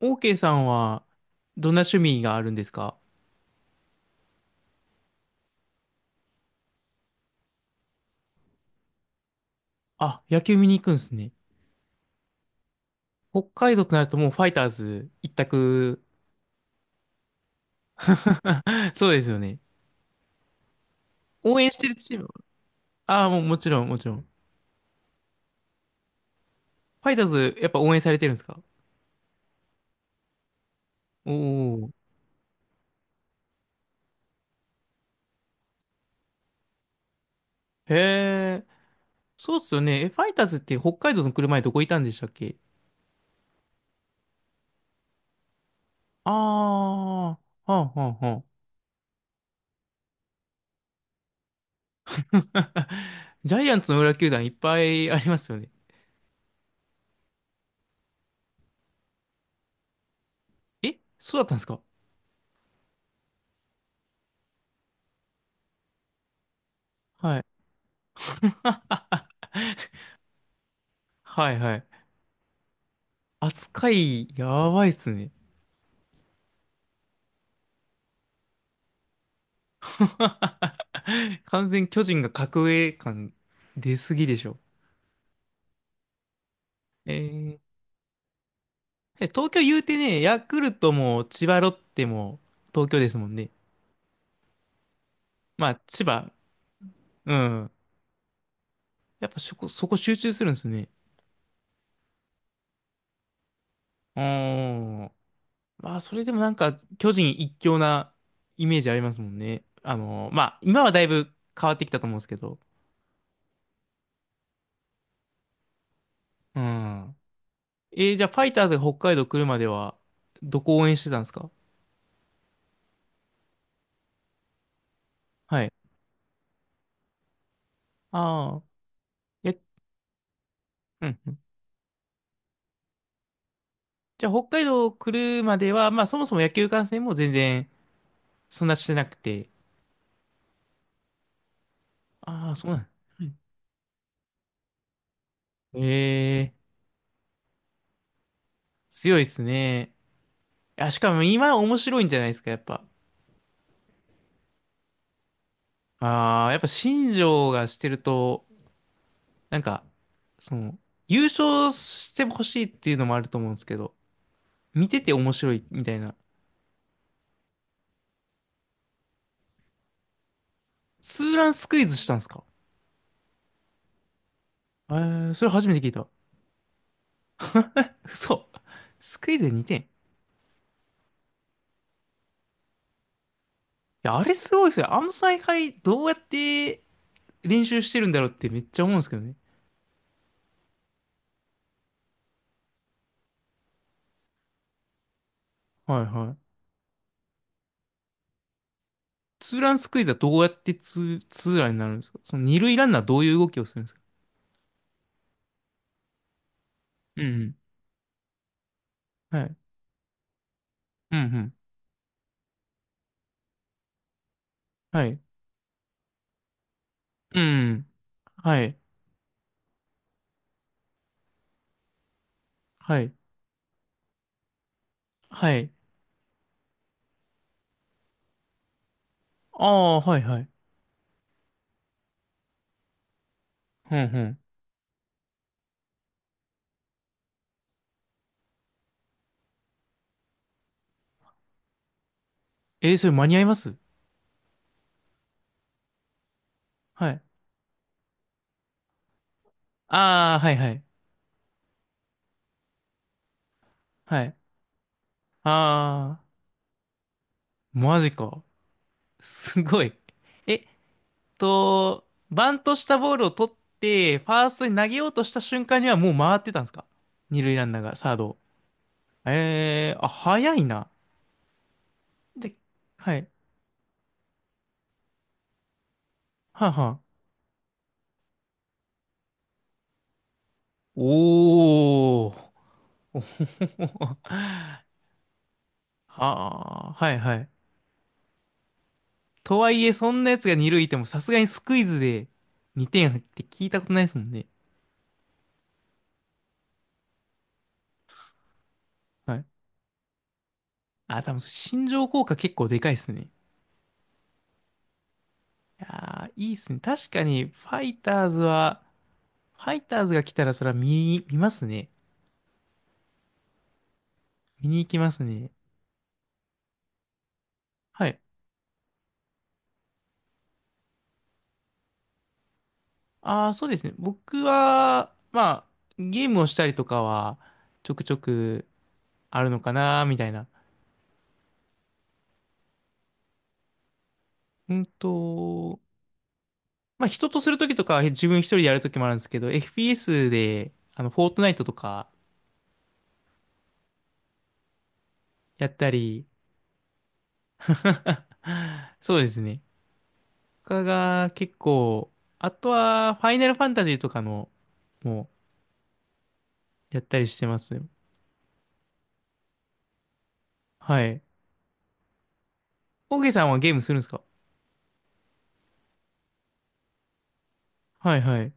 OK さんは、どんな趣味があるんですか？あ、野球見に行くんですね。北海道となるともうファイターズ一択。そうですよね。応援してるチーム。ああ、もうもちろん、もちろん。ファイターズ、やっぱ応援されてるんですか？おおー。へえ。そうっすよね。え、ファイターズって北海道の来る前どこいたんでしたっけ？ああ、はあ、はあ、はあ。ジャイアンツの裏球団いっぱいありますよね。え、そうだったんですか？はい。はい、はい。扱い、やばいっすね。完全巨人が格上感出すぎでしょ。えー、え、東京言うてね、ヤクルトも千葉ロッテも東京ですもんね。まあ、千葉、うん。やっぱそこ集中するんですね。うーん。まあ、それでもなんか巨人一強なイメージありますもんね。あの、まあ、今はだいぶ変わってきたと思うんですけど。うん。えー、じゃあファイターズが北海道来るまでは、どこ応援してたんですか？はい。ああ、え、うんうん。じゃあ、北海道来るまでは、まあ、そもそも野球観戦も全然、そんなしてなくて。ああ、そうなん。ええー、強いですね。あ、しかも今面白いんじゃないですか、やっぱ。ああ、やっぱ新庄がしてると、なんか、その、優勝してほしいっていうのもあると思うんですけど、見てて面白いみたいな。ツーランスクイズしたんですか？えー、それ初めて聞いた。嘘。スクイズでにて点。や、あれすごいですよ。あの采配どうやって練習してるんだろうってめっちゃ思うんですけどね。はいはい。ツーランスクイズはどうやってツーランになるんですか？その二塁ランナーどういう動きをするんですか？うんうん。はい。うんうん。はい。うんうん。はい。はい。はい。ああ、はいはい。うんうん。えー、それ間に合います？はい。ああ、はいはい。はい。ああ、マジか。すごい。え、と、バントしたボールを取って、ファーストに投げようとした瞬間にはもう回ってたんですか？二塁ランナーがサードを。えー、あ、早いな。で、はい。はあ、はあ。おー。はあ、はいはい。とはいえ、そんなやつが二塁いても、さすがにスクイズで2点入って聞いたことないですもんね。はい。あ、多分、心情効果結構でかいですね。いやー、いいっすね。確かに、ファイターズは、ファイターズが来たらそれは見ますね。見に行きますね。はい。ああ、そうですね。僕は、まあ、ゲームをしたりとかは、ちょくちょくあるのかな、みたいな。うんと、まあ、人とするときとかは自分一人でやるときもあるんですけど、FPS で、あの、フォートナイトとかやったり、そうですね。他が結構、あとは、ファイナルファンタジーとかの、もう、やったりしてますね。はい。オーケーさんはゲームするんですか？はいはい。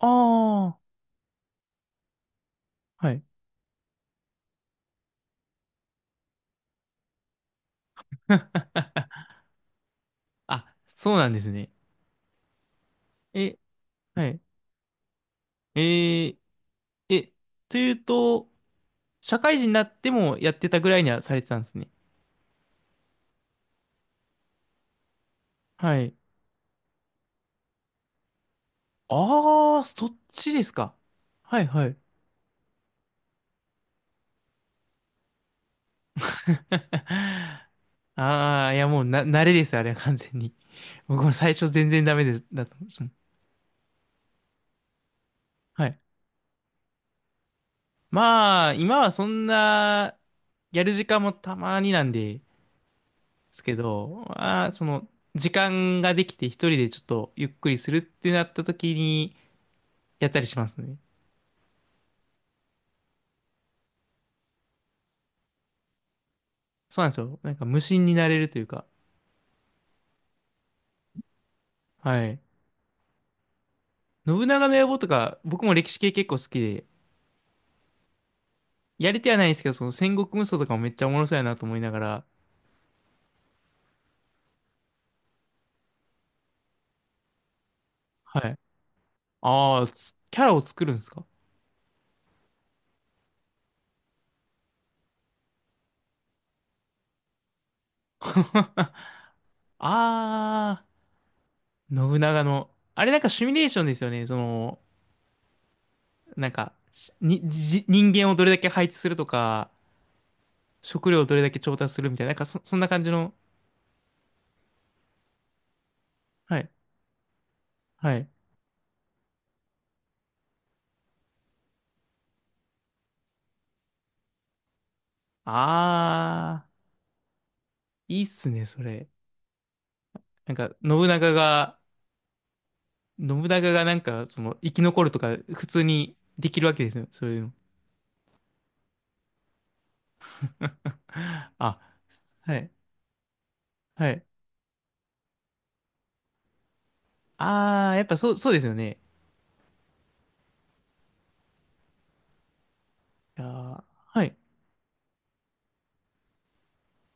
ああ、はい。あ、そうなんですね。え、はい。えー、え、というと、社会人になってもやってたぐらいにはされてたんですね。はい。ああ、そっちですか。はいはい。ああ、いやもうな、慣れです、あれは完全に。僕も最初全然ダメです、だったんですもん。はい。まあ、今はそんな、やる時間もたまになんですけど、まあ、その、時間ができて一人でちょっとゆっくりするってなった時に、やったりしますね。そうなんですよ。なんか無心になれるというか。はい。信長の野望とか、僕も歴史系結構好きで、やりてはないんですけど、その戦国無双とかもめっちゃおもろそうやなと思いながら、はい。ああ、つキャラを作るんですか？ あー、信長の。あれなんかシミュレーションですよね。その、なんか、しに、じ人間をどれだけ配置するとか、食料をどれだけ調達するみたいな、なんかそんな感じの。はい。はい。あー、いいっすね、それ。なんか、信長が、信長がなんか、その、生き残るとか、普通にできるわけですよ。そういうの。あ、はい。はい。あー、やっぱそう、そうですよね。いやー、はい。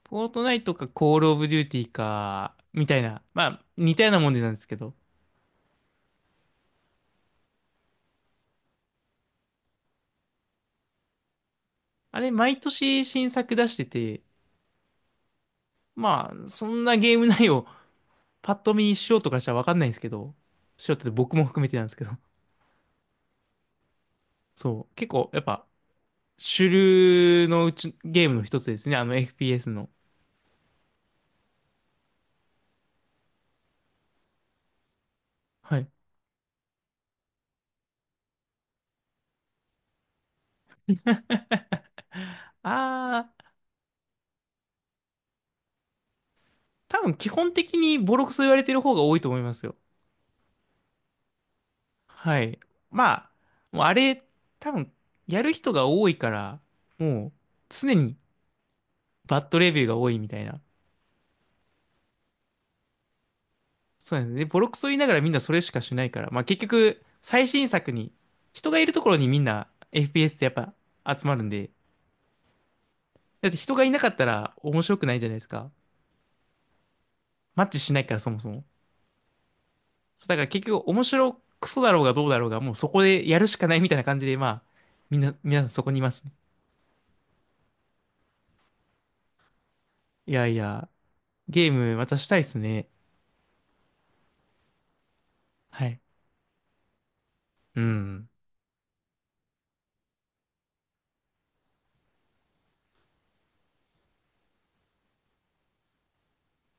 フォートナイトか、コールオブデューティーか、みたいな。まあ、似たようなもんでなんですけど。あれ、毎年新作出してて、まあ、そんなゲーム内容、パッと見素人からしたらわかんないんですけど、素人で僕も含めてなんですけど、そう、結構、やっぱ、主流のうち、ゲームの一つですね、あの FPS の。はい。ああ、多分基本的にボロクソ言われてる方が多いと思いますよ。はい。まあ、もうあれ、多分やる人が多いから、もう常にバッドレビューが多いみたいな。そうなんですね。でボロクソ言いながらみんなそれしかしないから、まあ結局、最新作に、人がいるところにみんな FPS ってやっぱ集まるんで、だって人がいなかったら面白くないじゃないですか。マッチしないからそもそも。そうだから結局面白くそだろうがどうだろうが、もうそこでやるしかないみたいな感じで、まあ、みんな、皆さんそこにいますね。いやいや、ゲームまたしたいっすね。はい。うん。